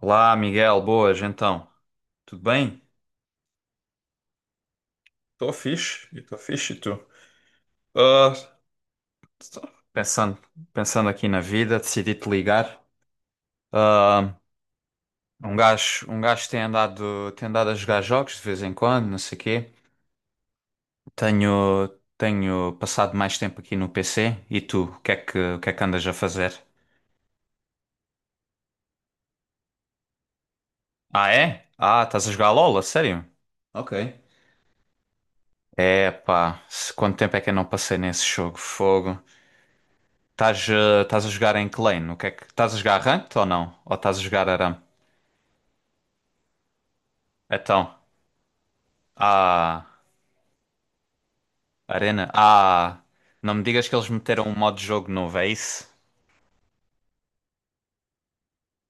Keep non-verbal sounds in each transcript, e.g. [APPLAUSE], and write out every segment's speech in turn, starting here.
Olá, Miguel, boas, então. Tudo bem? Estou fixe, e tu? Ah, tô pensando, pensando aqui na vida, decidi te ligar. Ah, um gajo tem andado a jogar jogos de vez em quando, não sei o quê. Tenho, Tenho passado mais tempo aqui no PC. E tu, o que é que andas a fazer? Ah, é? Ah, estás a jogar LOL, a sério? Ok. É, pá, quanto tempo é que eu não passei nesse jogo? Fogo. Estás a jogar em que lane? O que é que estás a jogar ranked ou não? Ou estás a jogar Aram? Então, ah, Arena, ah, não me digas que eles meteram um modo de jogo novo, é isso?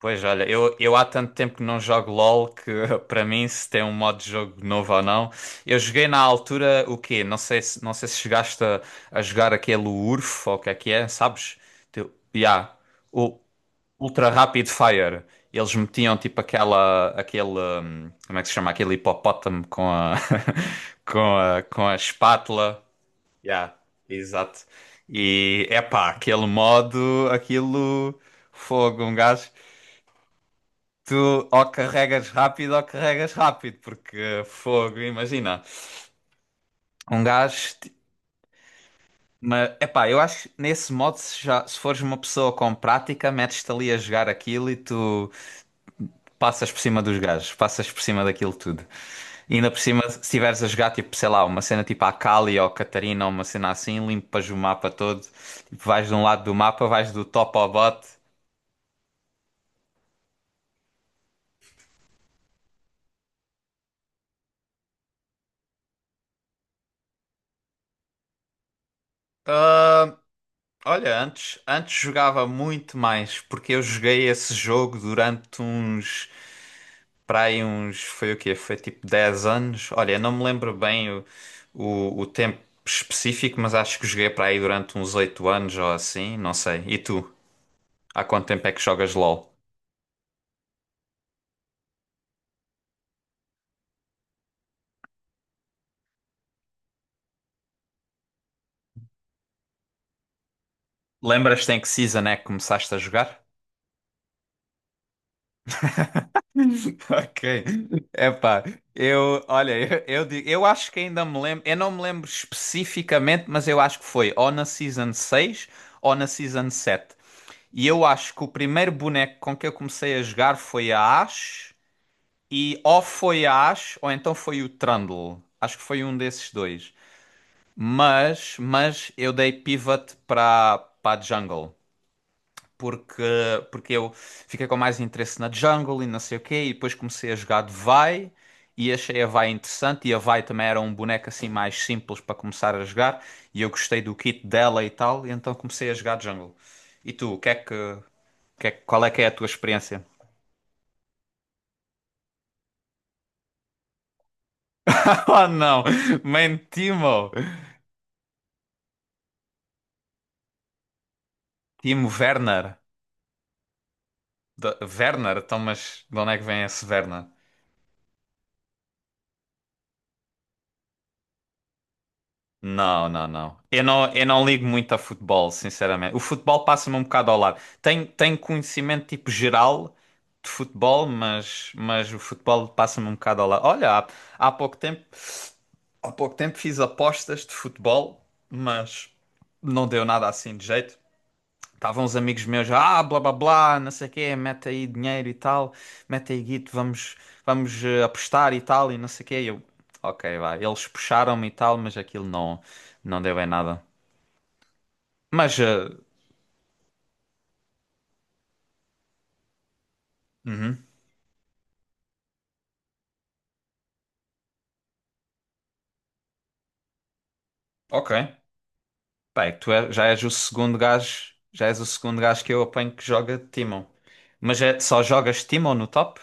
Pois olha, eu há tanto tempo que não jogo LOL que [LAUGHS] para mim se tem um modo de jogo novo ou não. Eu joguei na altura o quê? Não sei se chegaste a jogar aquele URF ou o que é, sabes? Ya. O- Ultra Rapid Fire. Eles metiam tipo aquela, aquele, como é que se chama? Aquele hipopótamo com a, [LAUGHS] com a espátula. Yeah, exato. E epá, aquele modo, aquilo, fogo, um gajo. Tu ou carregas rápido, porque fogo, imagina. Um gajo, ti- mas epá, eu acho que nesse modo, se, já, se fores uma pessoa com prática, metes-te ali a jogar aquilo e tu. Passas por cima dos gajos, passas por cima daquilo tudo. E ainda por cima, se estiveres a jogar, tipo, sei lá, uma cena tipo a Kali ou Catarina ou uma cena assim, limpas o mapa todo. Tipo, vais de um lado do mapa, vais do top ao bot. Ah, olha, antes jogava muito mais, porque eu joguei esse jogo durante para aí uns, foi o quê? Foi tipo 10 anos. Olha, não me lembro bem o tempo específico, mas acho que joguei para aí durante uns 8 anos ou assim, não sei. E tu? Há quanto tempo é que jogas LOL? Lembras-te em que season é que começaste a jogar? [LAUGHS] Ok. Epá, olha, eu acho que ainda me lembro, eu não me lembro especificamente, mas eu acho que foi ou na Season 6, ou na Season 7. E eu acho que o primeiro boneco com que eu comecei a jogar foi a Ashe, e ou foi a Ashe ou então foi o Trundle. Acho que foi um desses dois. Mas eu dei pivot para a Jungle. porque, porque eu fiquei com mais interesse na jungle e não sei o quê, e depois comecei a jogar de Vi e achei a Vi interessante, e a Vi também era um boneco assim mais simples para começar a jogar, e eu gostei do kit dela e tal, e então comecei a jogar de jungle. E tu, o que é que, o que é que- qual é que é a tua experiência? [LAUGHS] Oh não, man, Timo Werner. Werner, então mas de onde é que vem esse Werner? Não, não, não. Eu não ligo muito a futebol, sinceramente. O futebol passa-me um bocado ao lado. Tenho conhecimento tipo geral de futebol, mas o futebol passa-me um bocado ao lado. Olha, há pouco tempo, há pouco tempo fiz apostas de futebol, mas não deu nada assim de jeito. Estavam uns amigos meus, ah, blá blá blá, não sei o quê, mete aí dinheiro e tal, mete aí guito, apostar e tal, e não sei o quê. E eu, ok, vai. Eles puxaram-me e tal, mas aquilo não deu em nada. Mas, eh, uhum, ok. Bem, já és o segundo gajo, que eu apanho que joga Timon. Mas é, só jogas Timon no top?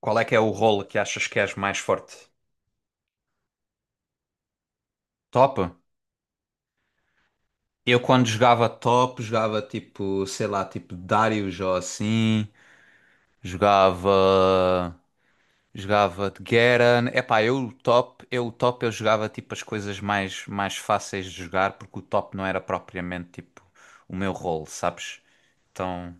Qual é que é o rolo que achas que és mais forte? Top? Eu quando jogava top, jogava tipo, sei lá, tipo Darius ou assim. Jogava. Jogava de Garen. Epá, eu o top eu jogava tipo as coisas mais fáceis de jogar porque o top não era propriamente tipo o meu rol, sabes? Então.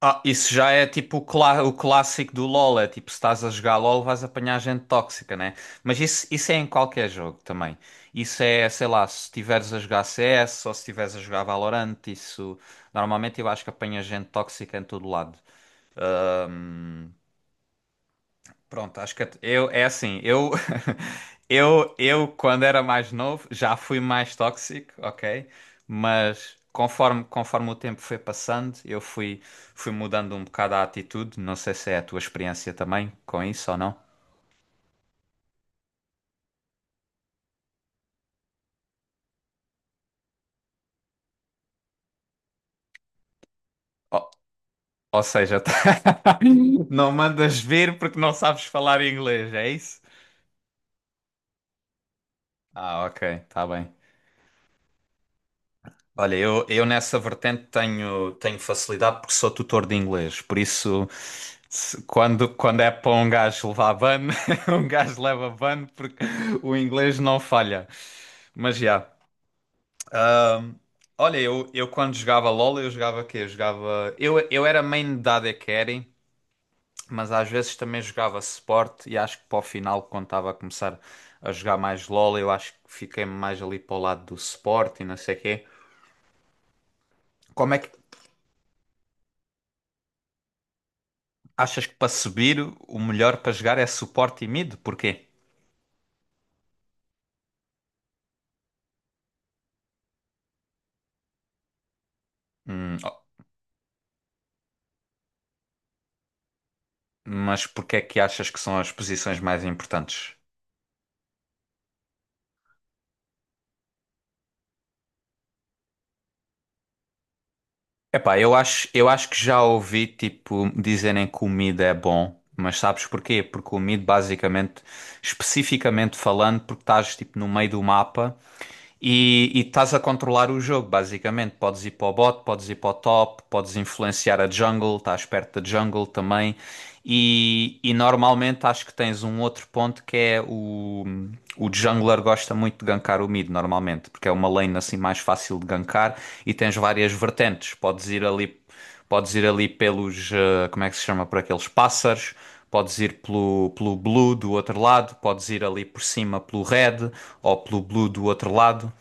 Ah, isso já é tipo o clássico do LoL, é tipo se estás a jogar LoL vais apanhar gente tóxica, né? Mas isso é em qualquer jogo também. Isso é, sei lá, se estiveres a jogar CS ou se estiveres a jogar Valorant, isso normalmente eu acho que apanha gente tóxica em todo lado. Pronto, acho que é assim, eu [LAUGHS] eu quando era mais novo já fui mais tóxico, ok? Mas conforme o tempo foi passando, eu fui mudando um bocado a atitude, não sei se é a tua experiência também com isso ou não. Ou, ou seja, [LAUGHS] não mandas vir porque não sabes falar inglês, é isso? Ah, ok, tá bem. Olha, eu nessa vertente tenho facilidade porque sou tutor de inglês, por isso quando é para um gajo levar ban, [LAUGHS] um gajo leva ban porque o inglês não falha. Mas já. Olha, eu quando jogava LOL, eu jogava quê? Eu jogava. Eu era main da AD Carry, mas às vezes também jogava suporte e acho que para o final, quando estava a começar a jogar mais LOL, eu acho que fiquei mais ali para o lado do suporte e não sei o quê. Como é que, Achas que para subir o melhor para jogar é suporte e mid? Porquê? Ó, mas porquê é que achas que são as posições mais importantes? Epá, eu acho que já ouvi tipo dizerem que o mid é bom, mas sabes porquê? Porque o mid basicamente, especificamente falando, porque estás tipo no meio do mapa e estás a controlar o jogo, basicamente. Podes ir para o bot, podes ir para o top, podes influenciar a jungle, estás perto da jungle também. E normalmente acho que tens um outro ponto que é o jungler gosta muito de gankar o mid normalmente, porque é uma lane assim mais fácil de gankar e tens várias vertentes. Podes ir ali pelos, como é que se chama, por aqueles pássaros, podes ir pelo blue do outro lado, podes ir ali por cima pelo red ou pelo blue do outro lado,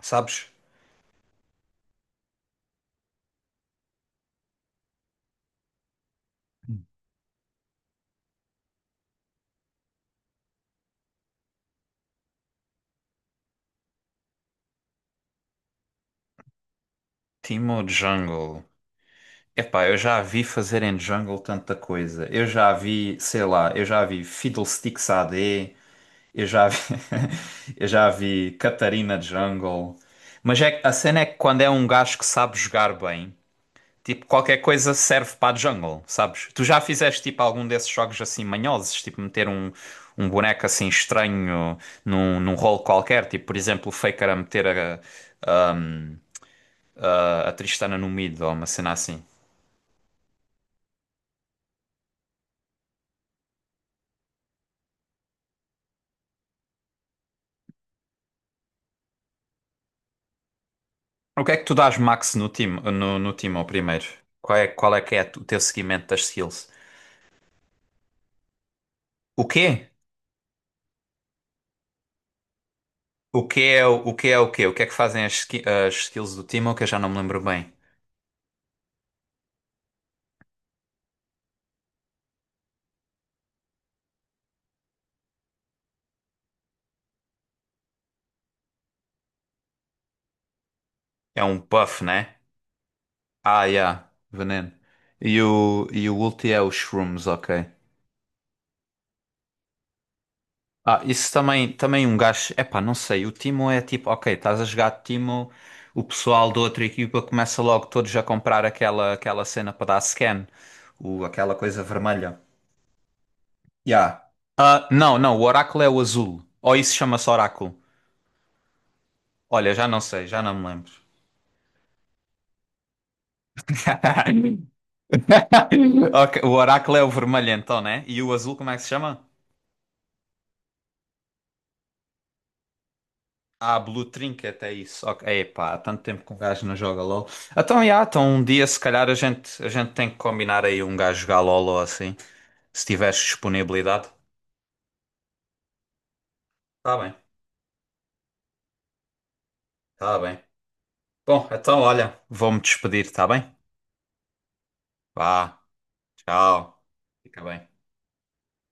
sabes? Timo Jungle. Epá, eu já a vi fazerem jungle tanta coisa. Eu já a vi, sei lá, eu já a vi Fiddlesticks AD. Eu já vi, [LAUGHS] eu já vi Catarina Jungle. A cena é que quando é um gajo que sabe jogar bem, tipo, qualquer coisa serve para a jungle, sabes? Tu já fizeste tipo algum desses jogos assim manhosos, tipo meter um boneco assim estranho num rolo qualquer, tipo, por exemplo, o Faker a meter a, a Tristana no mid ou uma cena assim. O que é que tu dás max no time, no time ao primeiro? Qual é que é o teu seguimento das skills? O quê? O que é o quê? O que é que fazem as skills do Timo que eu já não me lembro bem. É um buff, né? Ah, yeah, veneno. E o ulti é os shrooms, ok. Ah, isso também um gajo. Epá, não sei. O Timo é tipo, ok, estás a jogar Timo, o pessoal da outra equipa começa logo todos a comprar aquela cena para dar scan, aquela coisa vermelha. Yeah. Ah, não, não, o oráculo é o azul. Ou isso chama-se oráculo. Olha, já não sei, já não me lembro. [LAUGHS] [LAUGHS] Ok, o oráculo é o vermelho então, né? E o azul como é que se chama? Ah, Blue Trinket, é isso. Ok. Epá, há tanto tempo que um gajo não joga LOL. Então, um dia se calhar a gente tem que combinar aí um gajo jogar LOL ou assim, se tiveres disponibilidade. Tá bem, tá bem. Bom, então olha, vou-me despedir, tá bem? Vá, tchau. Fica bem.